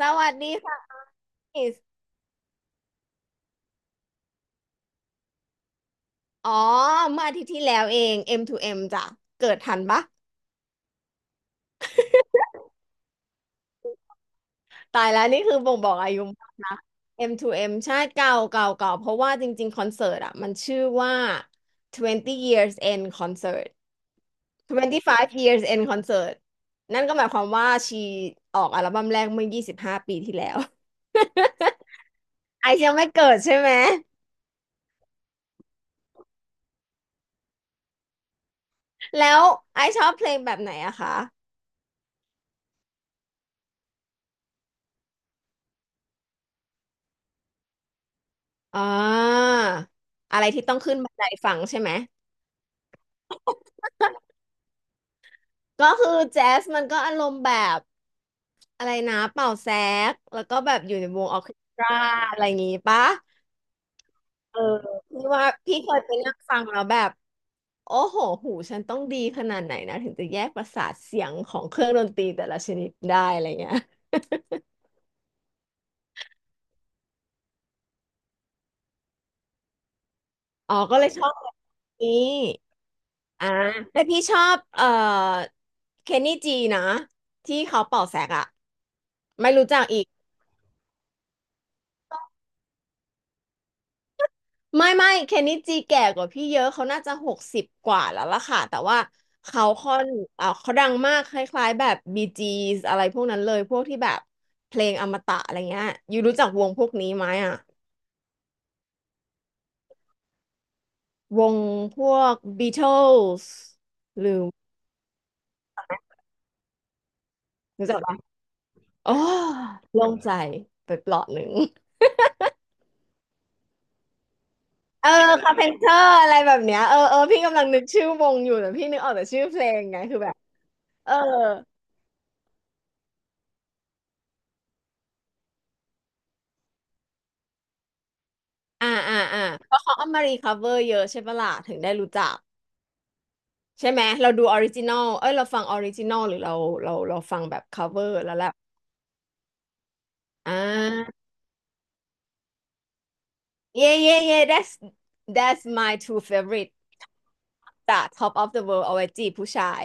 สวัสดีค่ะมิสอ๋อเมื่ออาทิตย์ที่แล้วเอง M to M จ้ะเกิดทันปะตายแล้วนี่คือบ่งบอกอายุมาก M to M ใช่เก่า เพราะว่าจริงๆคอนเสิร์ตอ่ะมันชื่อว่า20 years end concert 25 years end concert นั่นก็หมายความว่าชีออกอัลบั้มแรกเมื่อย25ปีที่แล้ว ไอซ์ยังไม่เกิดใช่ไหม แล้วไอซ์ชอบเพลงแบบไหนอะคะอ่าอะไรที่ต้องขึ้นบันไดฟังใช่ไหมก็คือแจ๊สมันก็อารมณ์แบบ อะไรนะเป่าแซกแล้วก็แบบอยู่ในวงออร์เคสตราอะไรอย่างงี้ปะเออพี่ว่าพี่เคยไปนั่งฟังแล้วแบบโอ้โหหูฉันต้องดีขนาดไหนนะถึงจะแยกประสาทเสียงของเครื่องดนตรีแต่ละชนิดได้อะไรเงี้ย อ๋อก็เลยชอบแบบนี้อ่าแต่พี่ชอบเคนนี่จีนะที่เขาเป่าแซกอะไม่รู้จักอีก ไม่เคนนิจิแก่กว่าพี่เยอะเขาน่าจะหกสิบกว่าแล้วล่ะค่ะแต่ว่าเขาค่อนอ่าเขาดังมากคล้ายๆแบบบีจี 's อะไรพวกนั้นเลยพวกที่แบบเพลงอมตะอะไรเงี้ยยูรู้จักวงพวกนี้ไหมอ่ะวงพวก Beatles หรือรู้จักปะโอ้โล่งใจไปเปลาะหนึ่งเออคาเพนเตอร์อะไรแบบเนี้ยเออเออพี่กำลังนึกชื่อวงอยู่แต่พี่นึกออกแต่ชื่อเพลงไงคือแบบเออ อ่าอ่าอ่าเพราะเขาเอามารีคัฟเวอร์เยอะใช่ปะล่ะถึงได้รู้จักใช่ไหมเราดูออริจินอลเอ้ยเราฟังออริจินอลหรือเราเราฟังแบบคัฟเวอร์แล้วแหละอ่าเย่เย่เย่ that's that's my two favorite จาก Top of the World เอาไว้จีบผู้ชาย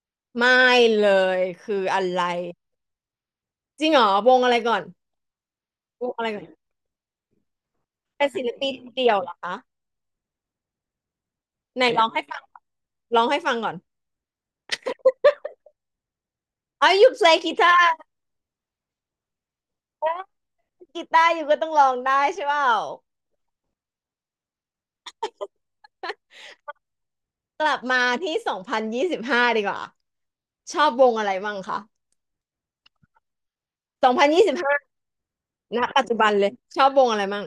ไม่เลยคืออะไรจริงเหรอวงอะไรก่อนวงอะไรก่อนเป็นศิลปินเดี่ยวเหรอคะไหนร้องให้ฟังร้องให้ฟังก่อนอ๋อ you play guitar กีตาร์อยู่ก็ต้องร้องได้ใช่เปล่า กลับมาที่สองพันยี่สิบห้าดีกว่า ชอบวงอะไรบ้างคะสองพันยี่สิบห้าณปัจจุบันเลย ชอบวงอะไรบ้าง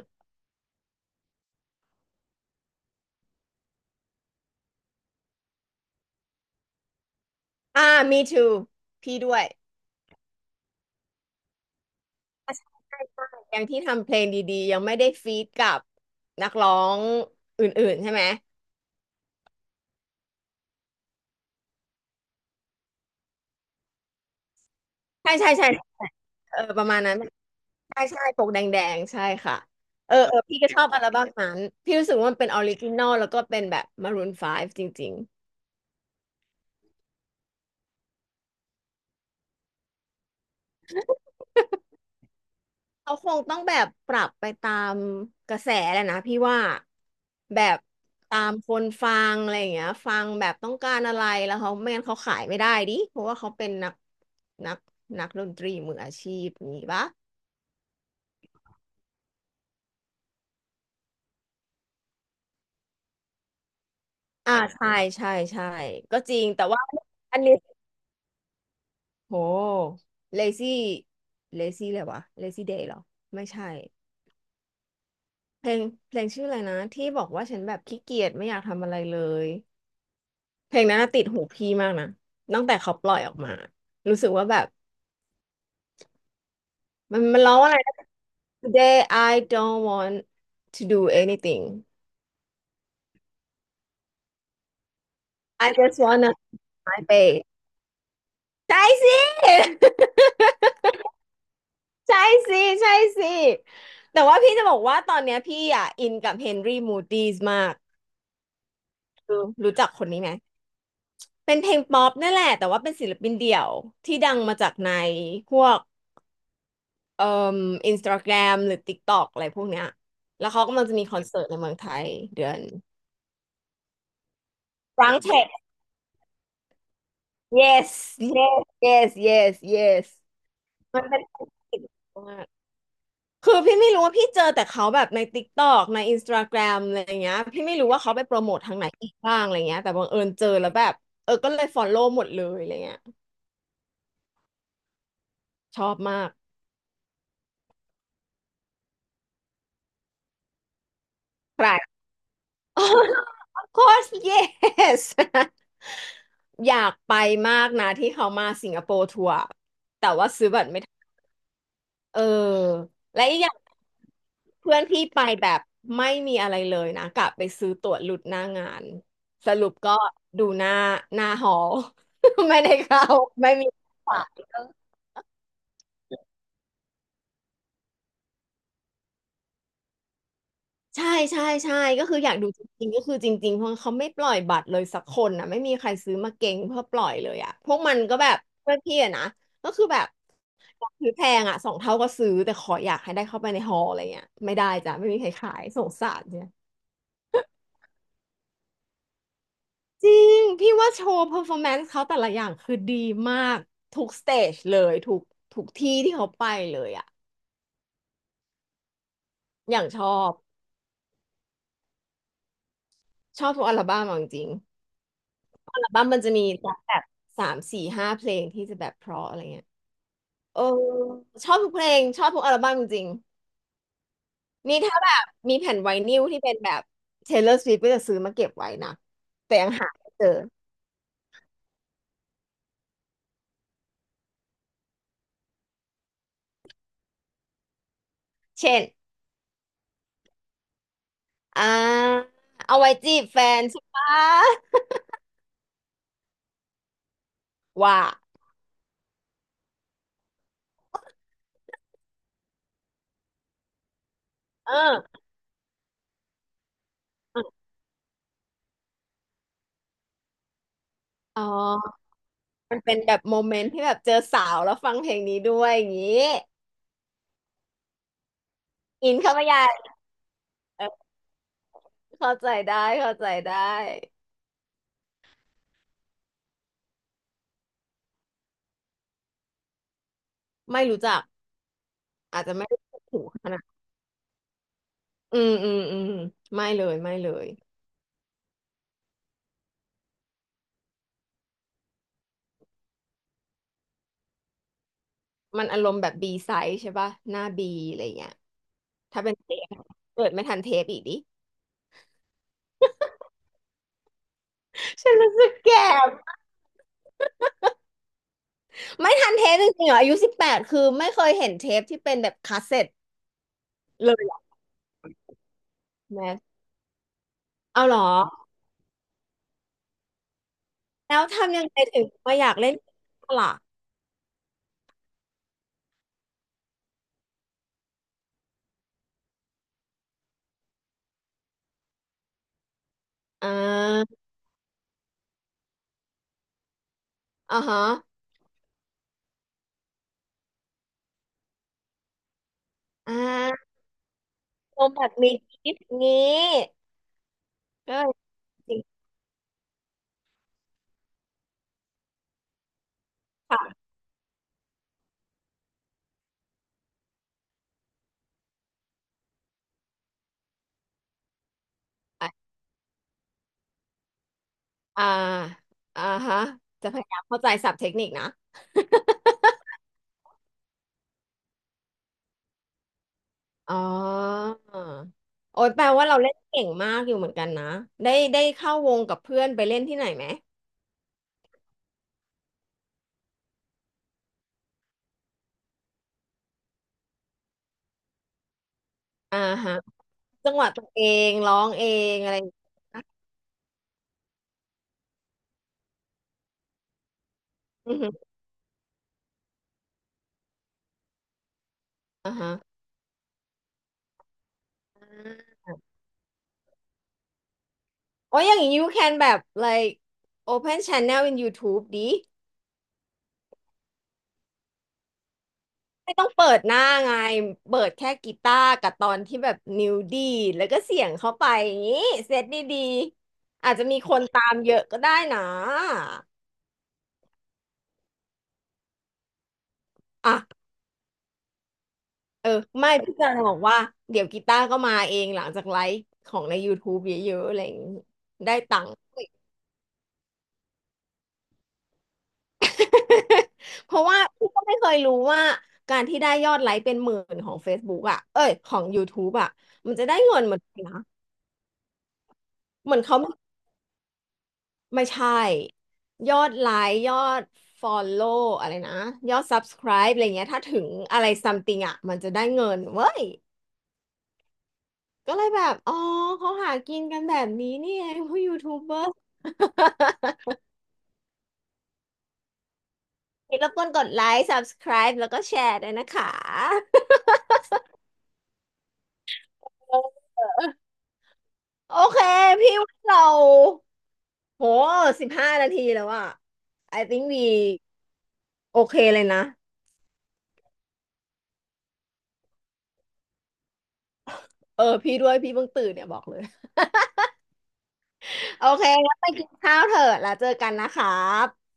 อ่า me too พี่ด้วยใช่ใช่ใช่ยังที่ทำเพลงดีๆ ยังไม่ได้ฟีดกับนักร้องอื่นๆใช่ไหม ใช่ใช่ใช่เออประมาณนั้น ใช่ใช่ปกแดงๆใช่ค่ะเออเออพี่ก็ชอบอัลบั้มนั้นพี่รู้สึกว่ามันเป็นออริจินอลแล้วก็เป็นแบบมารูน5จริง เขาคงต้องแบบปรับไปตามกระแสแหละนะพี่ว่าแบบตามคนฟังอะไรอย่างเงี้ยฟังแบบต้องการอะไรแล้วเขาไม่งั้นเขาขายไม่ได้ดิเพราะว่าเขาเป็นนักนักดนตรีมืออาชีพอย่างงี้ปะอ่าใช่ใช่ใช่ก็จริงแต่ว่าอันนี้โห l a z เ l ซี่เลยวะเลซี่เ day เหรอไม่ใช่เพลงเพลงชื่ออะไรนะที่บอกว่าฉันแบบขี้เกียจไม่อยากทำอะไรเลย เพลงนั้นน่ะติดหูพี่มากนะตั้งแต่เขาปล่อยออกมารู้สึกว่าแบบมันร้องว่าอะไรนะ Today I don't want to do anything I just wanna my bed ใช่สิ ใช่สิใช่สิแต่ว่าพี่จะบอกว่าตอนเนี้ยพี่อ่ะอินกับเฮนรี่มูด i ีสมากคือรู้จักคนนี้ไหมเป็นเพลงป๊อปนั่นแหละแต่ว่าเป็นศิลปินเดี่ยวที่ดังมาจากในพวก เอ่ออินสตาแกรมหรือ TikTok อะไรพวกเนี้ยแล้วเขากำลังจะมีคอนเสิร์ตในเมืองไทยเดือนรังเทค yes yes มันเป็นคอนเสิร์ตมากคือพี่ไม่รู้ว่าพี่เจอแต่เขาแบบใน TikTok ใน Instagram อะไรอย่างเงี้ยพี่ไม่รู้ว่าเขาไปโปรโมททางไหนอีกบ้างอะไรเงี้ยแต่บังเอิญเจอแล้วแบบเออก็เลยฟอลโล่หมดเลยอะไรเงี้ยชอบมากใคร Of course yes อยากไปมากนะที่เขามาสิงคโปร์ทัวร์แต่ว่าซื้อบัตรไม่ทันเออและอีกอย่างเพื่อนพี่ไปแบบไม่มีอะไรเลยนะกะไปซื้อตั๋วหลุดหน้างานสรุปก็ดูหน้าหอ ไม่ได้เข้าไม่มีบัตร ใช่ใช่ใช่ก็คืออยากดูจริงๆก็คือจริงๆเพราะเขาไม่ปล่อยบัตรเลยสักคนนะไม่มีใครซื้อมาเก็งเพื่อปล่อยเลยอ่ะพวกมันก็แบบเพื่อนพี่อะนะก็คือแบบอยากซื้อแพงอ่ะสองเท่าก็ซื้อแต่ขออยากให้ได้เข้าไปในฮอลล์อะไรเงี้ยไม่ได้จ้ะไม่มีใครขายสงสารเนี่ยจริงพี่ว่าโชว์เ e อร์ฟอร์แมนซ์เขาแต่ละอย่างคือดีมากทุกสเตจเลยทุกที่ที่เขาไปเลยอ่ะอย่างชอบชอบทุกอัลบั้มอะจริงๆอัลบั้มมันจะมีแบบสามสี่ห้าเพลงที่จะแบบเพราะอะไรเงี้ย เออชอบทุกเพลงชอบทุกอัลบั้มจริงๆนี่ถ้าแบบมีแผ่นไวนิลที่เป็นแบบ Taylor Swift ก็จะซื้อมาเก็บไว้นะแต่ยังหาไม่เจอเช่นอ่าเอาไว้จีบแฟนใช่ปะว่าเอออ๋อมันเป็นแบบโมเมนต์ที่แบบเจอสาวแล้วฟังเพลงนี้ด้วยอย่างนี้อินเข้าไปใหญ่เออเข้าใจได้เข้าใจได้ไม่รู้จักอาจจะไม่ได้ถูกขนาดอืมอืมอืมไม่เลยไม่เลย มันอารมณ์แบบบีไซส์ใช่ป่ะหน้าบีอะไรเงี้ยถ้าเป็นเทปเกิดไม่ทันเทปอีกดิฉันรู้สึกแก่ไม่ทันเทปจริงๆเหรออายุสิบแปดคือไม่เคยเห็นเทปที่เป็นแบบคาสเซ็ตเลยอะแม่เอาเหรอแล้วทำยังไงถึงมาอยากเล่นกีตาร์ล่ะอ่าอ่าฮะอ่าโมแบบมีกิฟต์นี้ก็จริงค่ะอ่าอ่าฮะจะพยายามเข้าใจศัพท์เทคนิคนะ อ๋อโอ๊ยแปลว่าเราเล่นเก่งมากอยู่เหมือนกันนะได้ได้เข้าวงกับเพื่อนไปเล่นที่ไหนไหม อ่าฮะ จังหวะตัวเองร้องเองอะไรอย่างเงี้ยอือฮึอ่าฮะอ่าโอ้ยอย่างนี้ you can แบบ like open channel in YouTube ดิไม่ต้องเปิดหน้าไงเปิดแค่กีตาร์กับตอนที่แบบนิ้วดีดแล้วก็เสียงเข้าไปอย่างนี้เซตดีๆอาจจะมีคนตามเยอะก็ได้นะอ่ะ เออไม่พี่จะบอกว่าเดี๋ยวกีตาร์ก็มาเองหลังจากไลฟ์ของใน YouTube เยอะๆอะไรอย่างนี้ได้ตังค์ เพราะว่าพี่ก็ไม่เคยรู้ว่าการที่ได้ยอดไลค์เป็นหมื่นของ Facebook อ่ะเอ้ยของ YouTube อ่ะมันจะได้เงินเหมือนกันนะเหมือนเขาไม่ใช่ยอดไลค์ยอด Follow อลโลว์อะไรนะยอด Subscribe อะไรเงี้ยถ้าถึงอะไร something อ่ะมันจะได้เงินเว้ยก็เลยแบบอ๋อเขาหากินกันแบบนี้นี่เองพวกยูทูบเบอร์ อย่ารบกวนกดไลค์ subscribe แล้วก็แชร์ด้วยนะคะเออโอเคพี่ว่าเราโห15นาทีแล้วอะ I think we โอเคเลยนะเออพี่ด้วยพี่เพิ่งตื่นเนี่ยบอกเลยโอเคงั้นไปกินข้าวเถอะแล้วเจอกันนะครับ